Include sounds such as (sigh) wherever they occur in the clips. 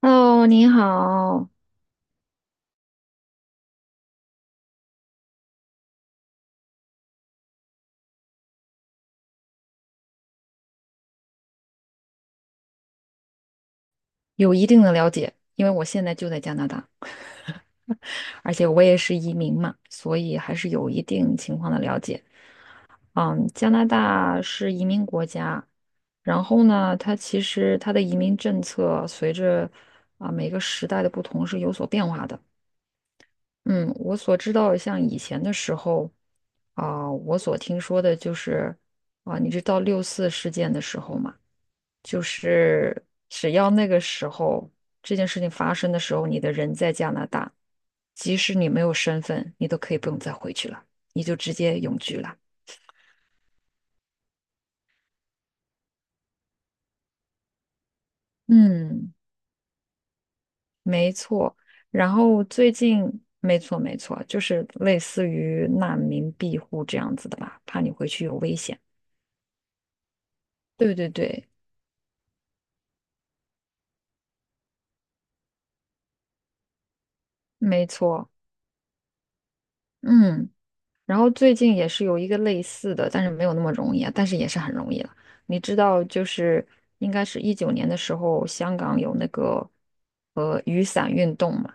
Hello，你好，有一定的了解，因为我现在就在加拿大，(laughs) 而且我也是移民嘛，所以还是有一定情况的了解。嗯，加拿大是移民国家，然后呢，它其实它的移民政策随着每个时代的不同是有所变化的。嗯，我所知道的，像以前的时候，我所听说的就是，你知道六四事件的时候嘛，就是只要那个时候这件事情发生的时候，你的人在加拿大，即使你没有身份，你都可以不用再回去了，你就直接永居了。嗯，没错。然后最近，没错没错，就是类似于难民庇护这样子的吧，怕你回去有危险。对对对，没错。嗯，然后最近也是有一个类似的，但是没有那么容易啊，但是也是很容易了。你知道，就是应该是19年的时候，香港有那个雨伞运动嘛，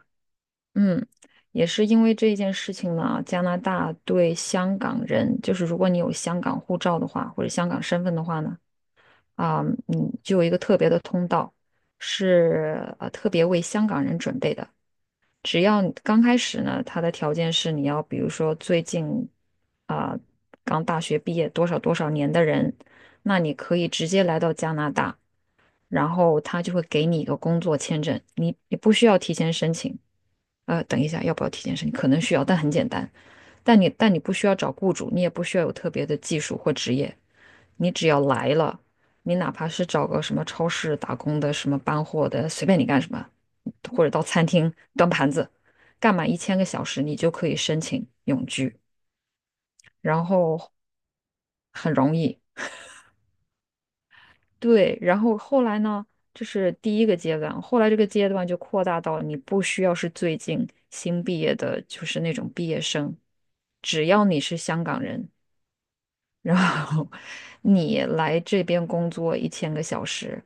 嗯，也是因为这一件事情呢，加拿大对香港人，就是如果你有香港护照的话，或者香港身份的话呢，啊、就有一个特别的通道，是特别为香港人准备的。只要你刚开始呢，他的条件是你要，比如说最近啊、刚大学毕业多少多少年的人，那你可以直接来到加拿大，然后他就会给你一个工作签证，你不需要提前申请。等一下，要不要提前申请？可能需要，但很简单。但你不需要找雇主，你也不需要有特别的技术或职业，你只要来了，你哪怕是找个什么超市打工的，什么搬货的，随便你干什么，或者到餐厅端盘子，干满一千个小时，你就可以申请永居，然后很容易。对，然后后来呢，这是第一个阶段，后来这个阶段就扩大到你不需要是最近新毕业的，就是那种毕业生，只要你是香港人，然后你来这边工作一千个小时，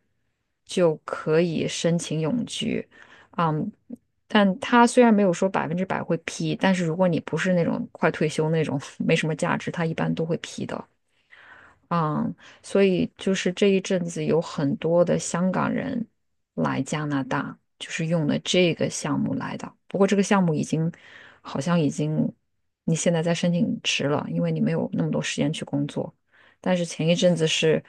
就可以申请永居。嗯，但他虽然没有说百分之百会批，但是如果你不是那种快退休那种 (laughs) 没什么价值，他一般都会批的。嗯，所以就是这一阵子有很多的香港人来加拿大，就是用了这个项目来的。不过这个项目已经好像已经你现在在申请迟了，因为你没有那么多时间去工作。但是前一阵子是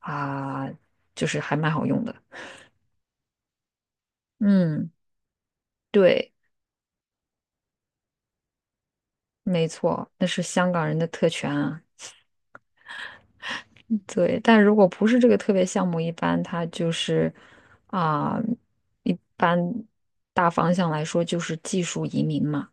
啊，就是还蛮好用的。嗯，对，没错，那是香港人的特权啊。对，但如果不是这个特别项目，一般它就是啊、一般大方向来说就是技术移民嘛，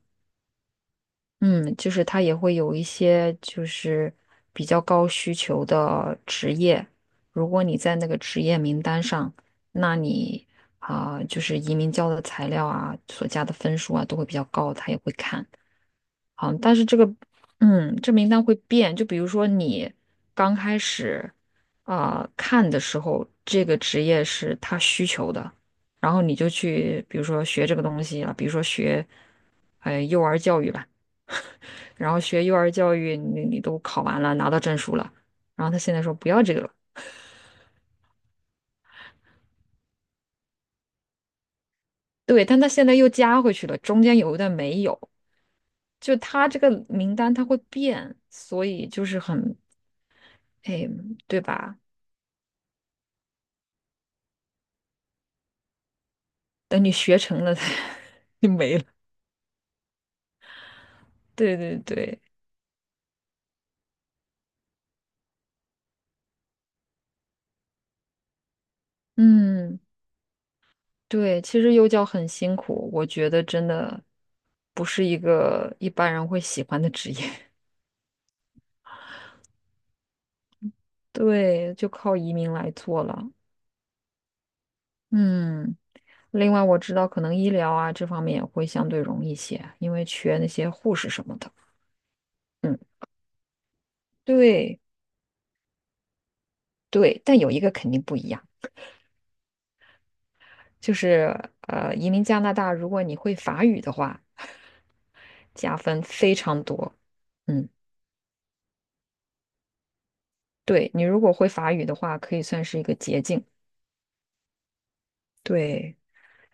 嗯，就是它也会有一些就是比较高需求的职业，如果你在那个职业名单上，那你就是移民交的材料啊，所加的分数啊都会比较高，他也会看。好，但是这个，嗯，这名单会变。就比如说你刚开始看的时候，这个职业是他需求的，然后你就去，比如说学这个东西了，比如说学幼儿教育吧，然后学幼儿教育你都考完了，拿到证书了，然后他现在说不要这个了，对，但他现在又加回去了，中间有一段没有，就他这个名单他会变，所以就是很，哎，对吧？等你学成了，(laughs) 就没了。对对对，嗯，对，其实幼教很辛苦，我觉得真的不是一个一般人会喜欢的职业。(laughs) 对，就靠移民来做了。嗯，另外我知道可能医疗啊这方面也会相对容易些，因为缺那些护士什么的。嗯，对对，但有一个肯定不一样，就是移民加拿大，如果你会法语的话，加分非常多。嗯，对，你如果会法语的话，可以算是一个捷径。对，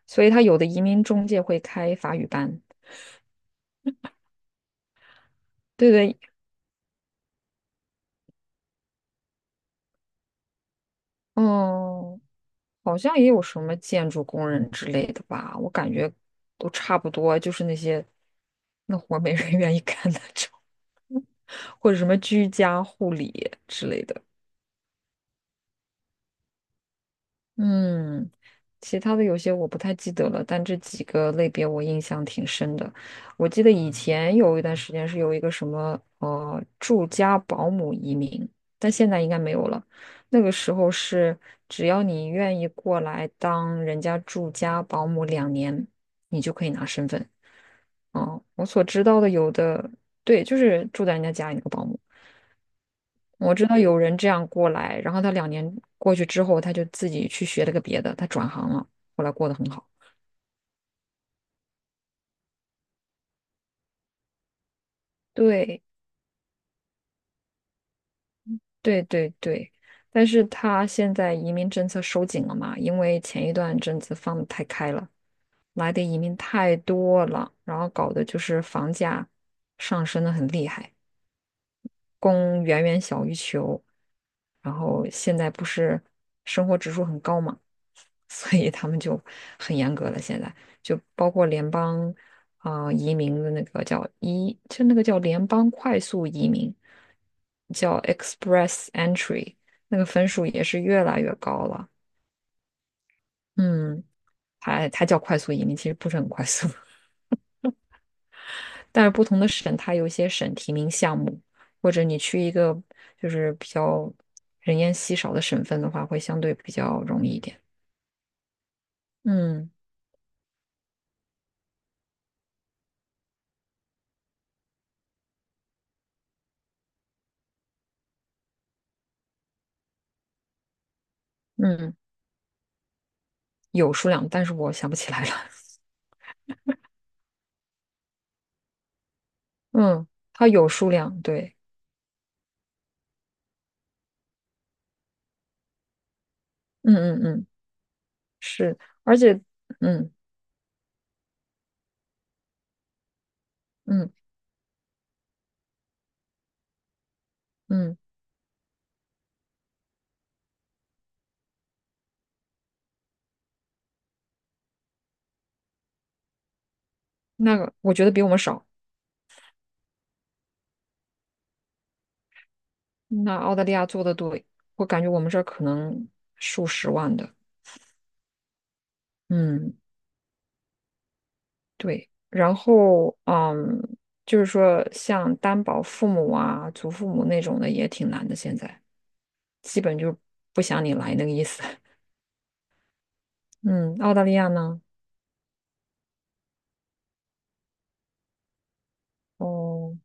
所以他有的移民中介会开法语班，对对，嗯，好像也有什么建筑工人之类的吧，我感觉都差不多，就是那些那活儿没人 (laughs) 愿意干的，或者什么居家护理之类的。嗯，其他的有些我不太记得了，但这几个类别我印象挺深的。我记得以前有一段时间是有一个什么住家保姆移民，但现在应该没有了。那个时候是只要你愿意过来当人家住家保姆两年，你就可以拿身份。哦，我所知道的有的，对，就是住在人家家里那个保姆。我知道有人这样过来，然后他两年过去之后，他就自己去学了个别的，他转行了，后来过得很好。对对对对，但是他现在移民政策收紧了嘛，因为前一段政策放得太开了，来的移民太多了，然后搞得就是房价上升的很厉害。供远远小于求，然后现在不是生活指数很高嘛，(laughs) 所以他们就很严格了。现在就包括联邦移民的那个叫移，就那个叫联邦快速移民，叫 Express Entry,那个分数也是越来越高了。嗯，还它叫快速移民，其实不是很快速。但是不同的省它有一些省提名项目，或者你去一个就是比较人烟稀少的省份的话，会相对比较容易一点。嗯嗯，有数量，但是我想不起来了。(laughs) 嗯，它有数量，对，嗯嗯嗯，是，而且，嗯嗯嗯，那个我觉得比我们少。那澳大利亚做的多，我感觉我们这儿可能数十万的，嗯。对，然后就是说像担保父母啊、祖父母那种的也挺难的，现在基本就不想你来那个意思。(laughs) 嗯，澳大利亚呢？哦，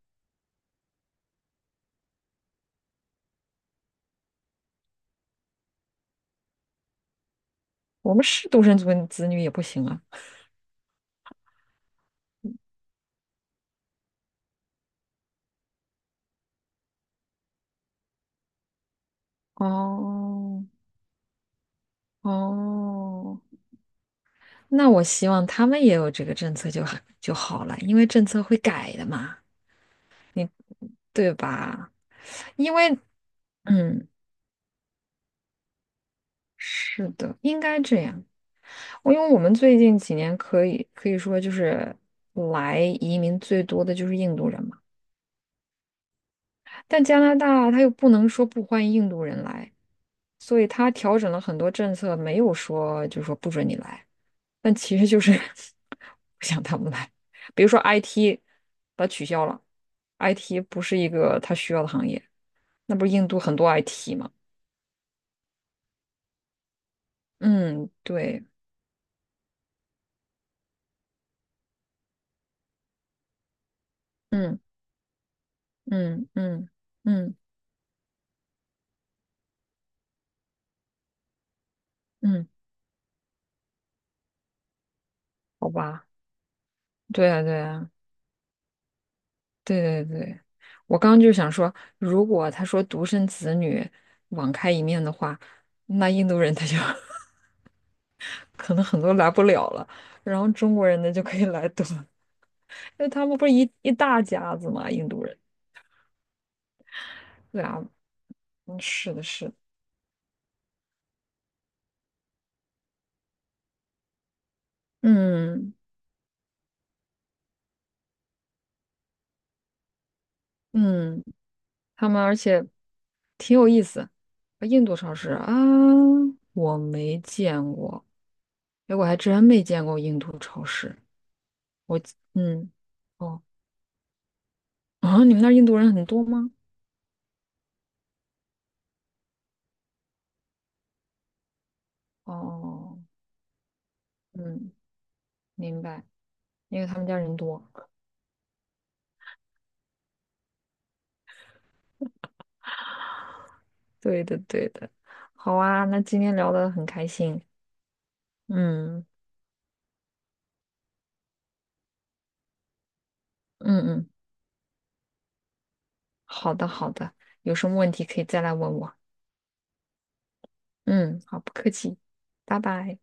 我们是独生子女也不行啊。哦哦，那我希望他们也有这个政策就好就好了，因为政策会改的嘛，你对吧?因为嗯，是的，应该这样。因为我们最近几年可以说就是来移民最多的就是印度人嘛，但加拿大他又不能说不欢迎印度人来，所以他调整了很多政策，没有说就是说不准你来，但其实就是 (laughs) 不想他们来。比如说 IT,把它取消了，IT 不是一个他需要的行业，那不是印度很多 IT 吗？嗯，对，嗯嗯嗯嗯嗯，好吧，对啊对啊。对对对，我刚刚就想说，如果他说独生子女网开一面的话，那印度人他就 (laughs) 可能很多来不了了，然后中国人呢就可以来多，那他们不是一大家子嘛，印度人。对啊，嗯，是的，是的，嗯嗯，他们而且挺有意思，印度超市啊，我没见过，哎，我还真没见过印度超市。嗯，哦，啊，你们那儿印度人很多吗？哦，嗯，明白，因为他们家人多。对的，对的。好啊，那今天聊得很开心。嗯嗯嗯，好的好的，有什么问题可以再来问我。嗯，好，不客气，拜拜。